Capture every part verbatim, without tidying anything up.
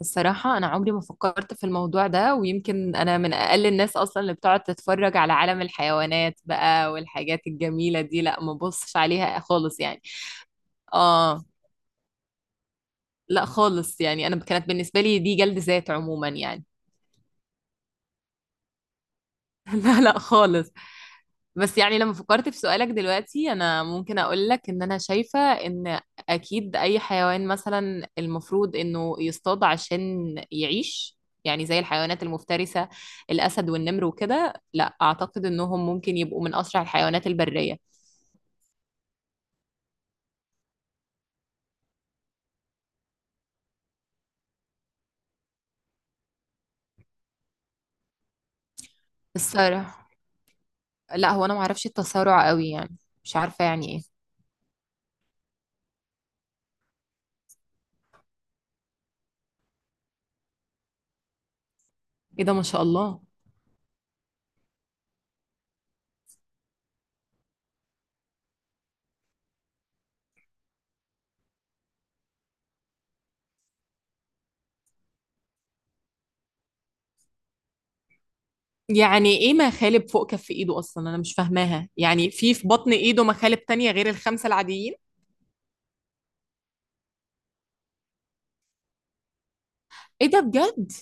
الصراحة أنا عمري ما فكرت في الموضوع ده، ويمكن أنا من أقل الناس أصلا اللي بتقعد تتفرج على عالم الحيوانات بقى، والحاجات الجميلة دي، لا ما ببصش عليها خالص يعني. آه. لا خالص يعني، أنا كانت بالنسبة لي دي جلد ذات عموما يعني. لا لا خالص. بس يعني لما فكرت في سؤالك دلوقتي، انا ممكن اقول لك ان انا شايفة ان اكيد اي حيوان مثلا المفروض انه يصطاد عشان يعيش، يعني زي الحيوانات المفترسة، الاسد والنمر وكده، لا اعتقد انهم ممكن يبقوا من اسرع الحيوانات البرية. الصراحة لا، هو انا معرفش التسارع قوي يعني. مش عارفة يعني ايه. ايه ده ما شاء الله. يعني ايه مخالب فوق كف ايده؟ اصلا انا مش فاهماها يعني، في في بطن ايده مخالب تانية غير الخمسة العاديين؟ ايه ده بجد.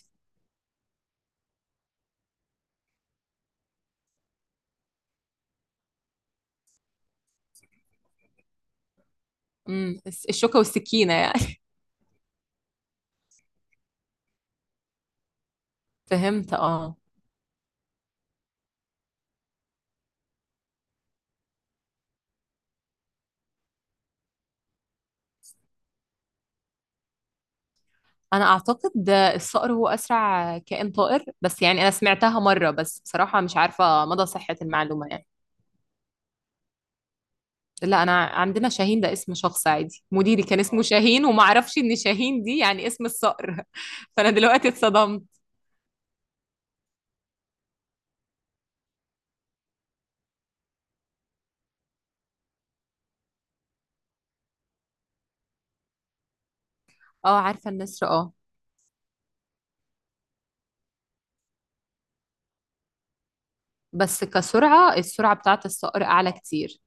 امم. الشوكة والسكينة يعني. فهمت اه. انا اعتقد ده الصقر هو اسرع كائن طائر، بس يعني انا سمعتها مرة، بس بصراحة مش عارفة مدى صحة المعلومة يعني. لا انا عندنا شاهين ده اسم شخص عادي، مديري كان اسمه آه. شاهين، وما اعرفش ان شاهين دي يعني اسم الصقر. فانا دلوقتي اتصدمت. اه عارفة النسر اه. بس كسرعة، السرعة بتاعت الصقر اعلى كتير.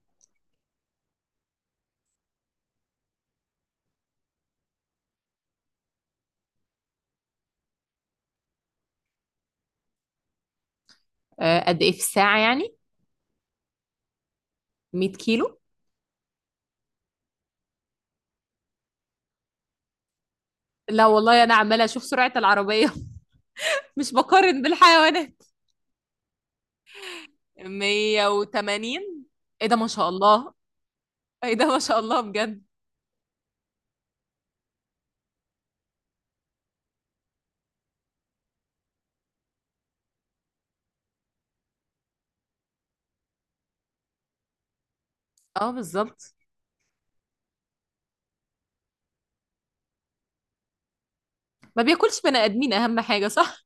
آه، قد ايه في الساعة يعني؟ مية كيلو؟ لا والله انا عمالة اشوف سرعة العربية. مش بقارن بالحيوانات. مية وتمانين؟ ايه ده ما شاء الله. ايه ده ما شاء الله بجد. اه بالظبط. ما بياكلش بني ادمين اهم حاجه، صح؟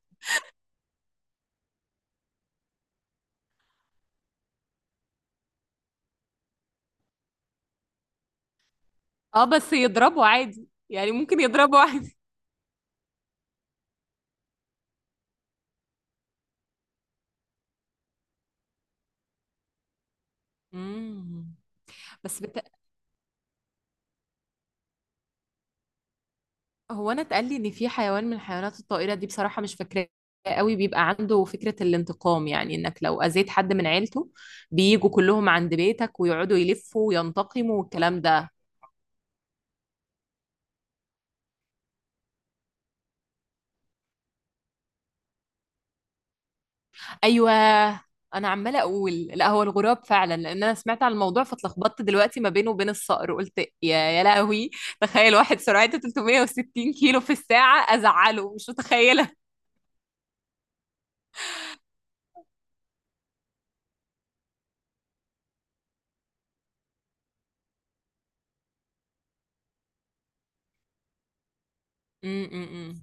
اه بس يضربه عادي، يعني ممكن يضربه عادي. امم. بس بت... هو انا اتقال لي ان في حيوان من الحيوانات الطائره دي، بصراحه مش فاكراه قوي، بيبقى عنده فكره الانتقام، يعني انك لو اذيت حد من عيلته بييجوا كلهم عند بيتك ويقعدوا يلفوا وينتقموا والكلام ده. ايوه. انا عماله اقول لا هو الغراب فعلا، لان انا سمعت عن الموضوع، فاتلخبطت دلوقتي ما بينه وبين الصقر، قلت يا يا لهوي، تخيل واحد سرعته ثلاثمائة وستين كيلو في الساعه ازعله، مش متخيله. امم.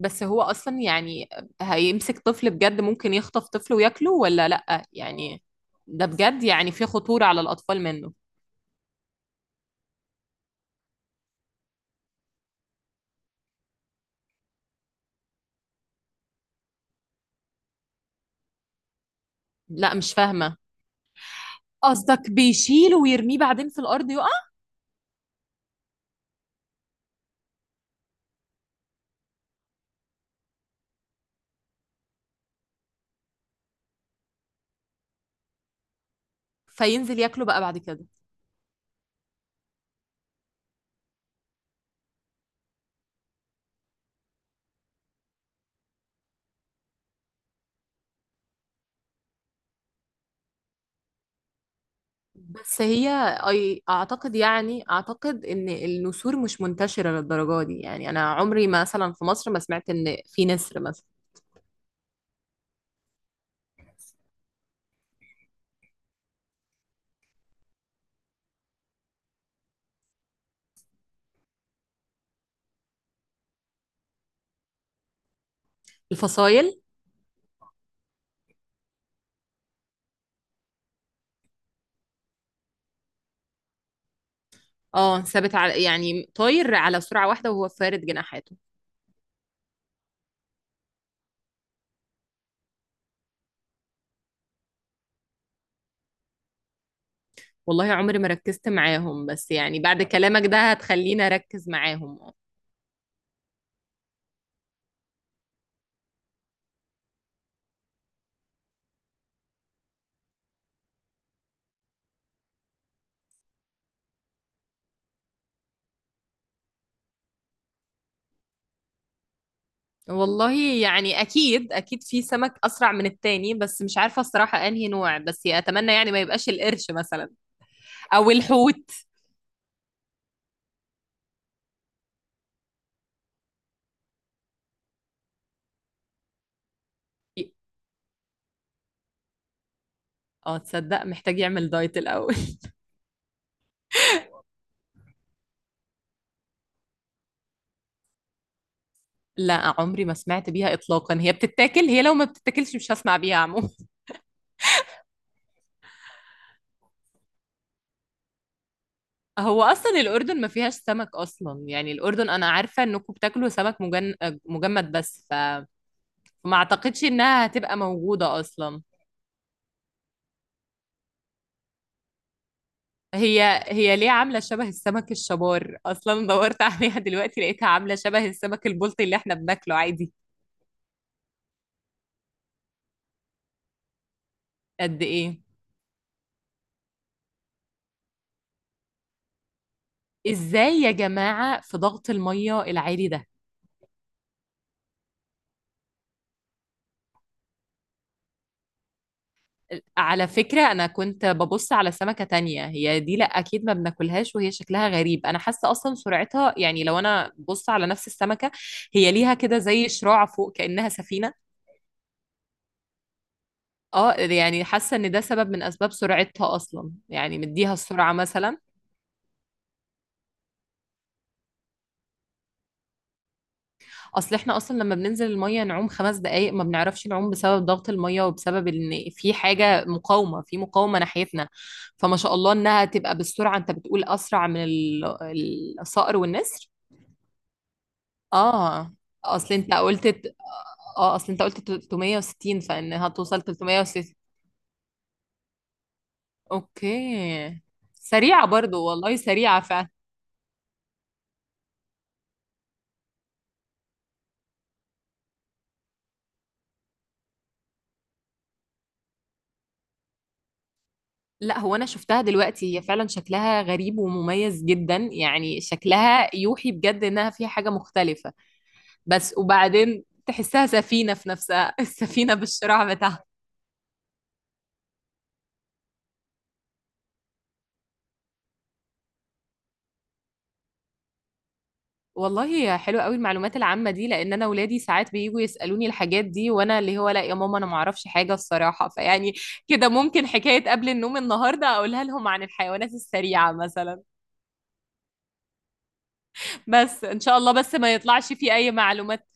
بس هو اصلا يعني هيمسك طفل بجد؟ ممكن يخطف طفل وياكله ولا لا يعني؟ ده بجد يعني في خطوره على الاطفال منه؟ لا مش فاهمه. قصدك بيشيله ويرميه بعدين في الارض يقع؟ فينزل ياكله بقى بعد كده. بس هي، أي اعتقد يعني اعتقد ان النسور مش منتشره للدرجه دي يعني، انا عمري ما مثلا في مصر ما سمعت ان في نسر مثلا. الفصايل. اه ثابت على، يعني طاير على سرعه واحده وهو فارد جناحاته. والله عمري ما ركزت معاهم، بس يعني بعد كلامك ده هتخليني اركز معاهم اه. والله يعني اكيد اكيد في سمك اسرع من التاني، بس مش عارفه الصراحه انهي نوع، بس اتمنى يعني ما يبقاش القرش مثلا او الحوت. اه تصدق محتاج يعمل دايت الاول. لا عمري ما سمعت بيها إطلاقا. هي بتتاكل؟ هي لو ما بتتاكلش مش هسمع بيها عموما. هو أصلا الأردن ما فيهاش سمك أصلا يعني، الأردن أنا عارفة إنكم بتاكلوا سمك مجن... مجمد، بس ف... فما أعتقدش إنها هتبقى موجودة أصلا. هي هي ليه عاملة شبه السمك الشبار؟ أصلا دورت عليها دلوقتي، لقيتها عاملة شبه السمك البلطي اللي إحنا بناكله عادي. قد إيه؟ إزاي يا جماعة في ضغط المية العالي ده؟ على فكرة أنا كنت ببص على سمكة تانية، هي دي لأ أكيد ما بناكلهاش، وهي شكلها غريب أنا حاسة أصلا سرعتها، يعني لو أنا بص على نفس السمكة، هي ليها كده زي شراع فوق كأنها سفينة. اه يعني حاسة إن ده سبب من أسباب سرعتها أصلا، يعني مديها السرعة مثلا. أصل إحنا أصلا لما بننزل المية نعوم خمس دقايق ما بنعرفش نعوم، بسبب ضغط المية وبسبب إن في حاجة مقاومة، في مقاومة ناحيتنا. فما شاء الله إنها تبقى بالسرعة أنت بتقول أسرع من ال- الصقر والنسر. اه اصل انت قلت اه اصل انت قلت تلتمية وستين، فانها توصل تلتمية وستين. اوكي. سريعة برضو والله، سريعة فعلا. لا هو انا شفتها دلوقتي، هي فعلا شكلها غريب ومميز جدا، يعني شكلها يوحي بجد انها فيها حاجة مختلفة. بس وبعدين تحسها سفينة في نفسها. السفينة بالشراع. والله حلوة قوي المعلومات العامة دي، لأن أنا ولادي ساعات بييجوا يسألوني الحاجات دي، وأنا اللي هو لا يا ماما أنا معرفش حاجة الصراحة فيعني كده ممكن حكاية قبل النوم النهاردة أقولها لهم عن الحيوانات السريعة مثلا. بس إن شاء الله بس ما يطلعش في أي معلومات،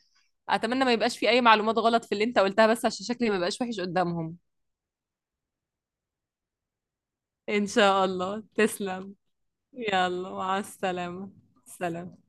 أتمنى ما يبقاش في أي معلومات غلط في اللي أنت قلتها، بس عشان شكلي ما يبقاش وحش قدامهم. إن شاء الله تسلم. يلا مع السلامة. سلام.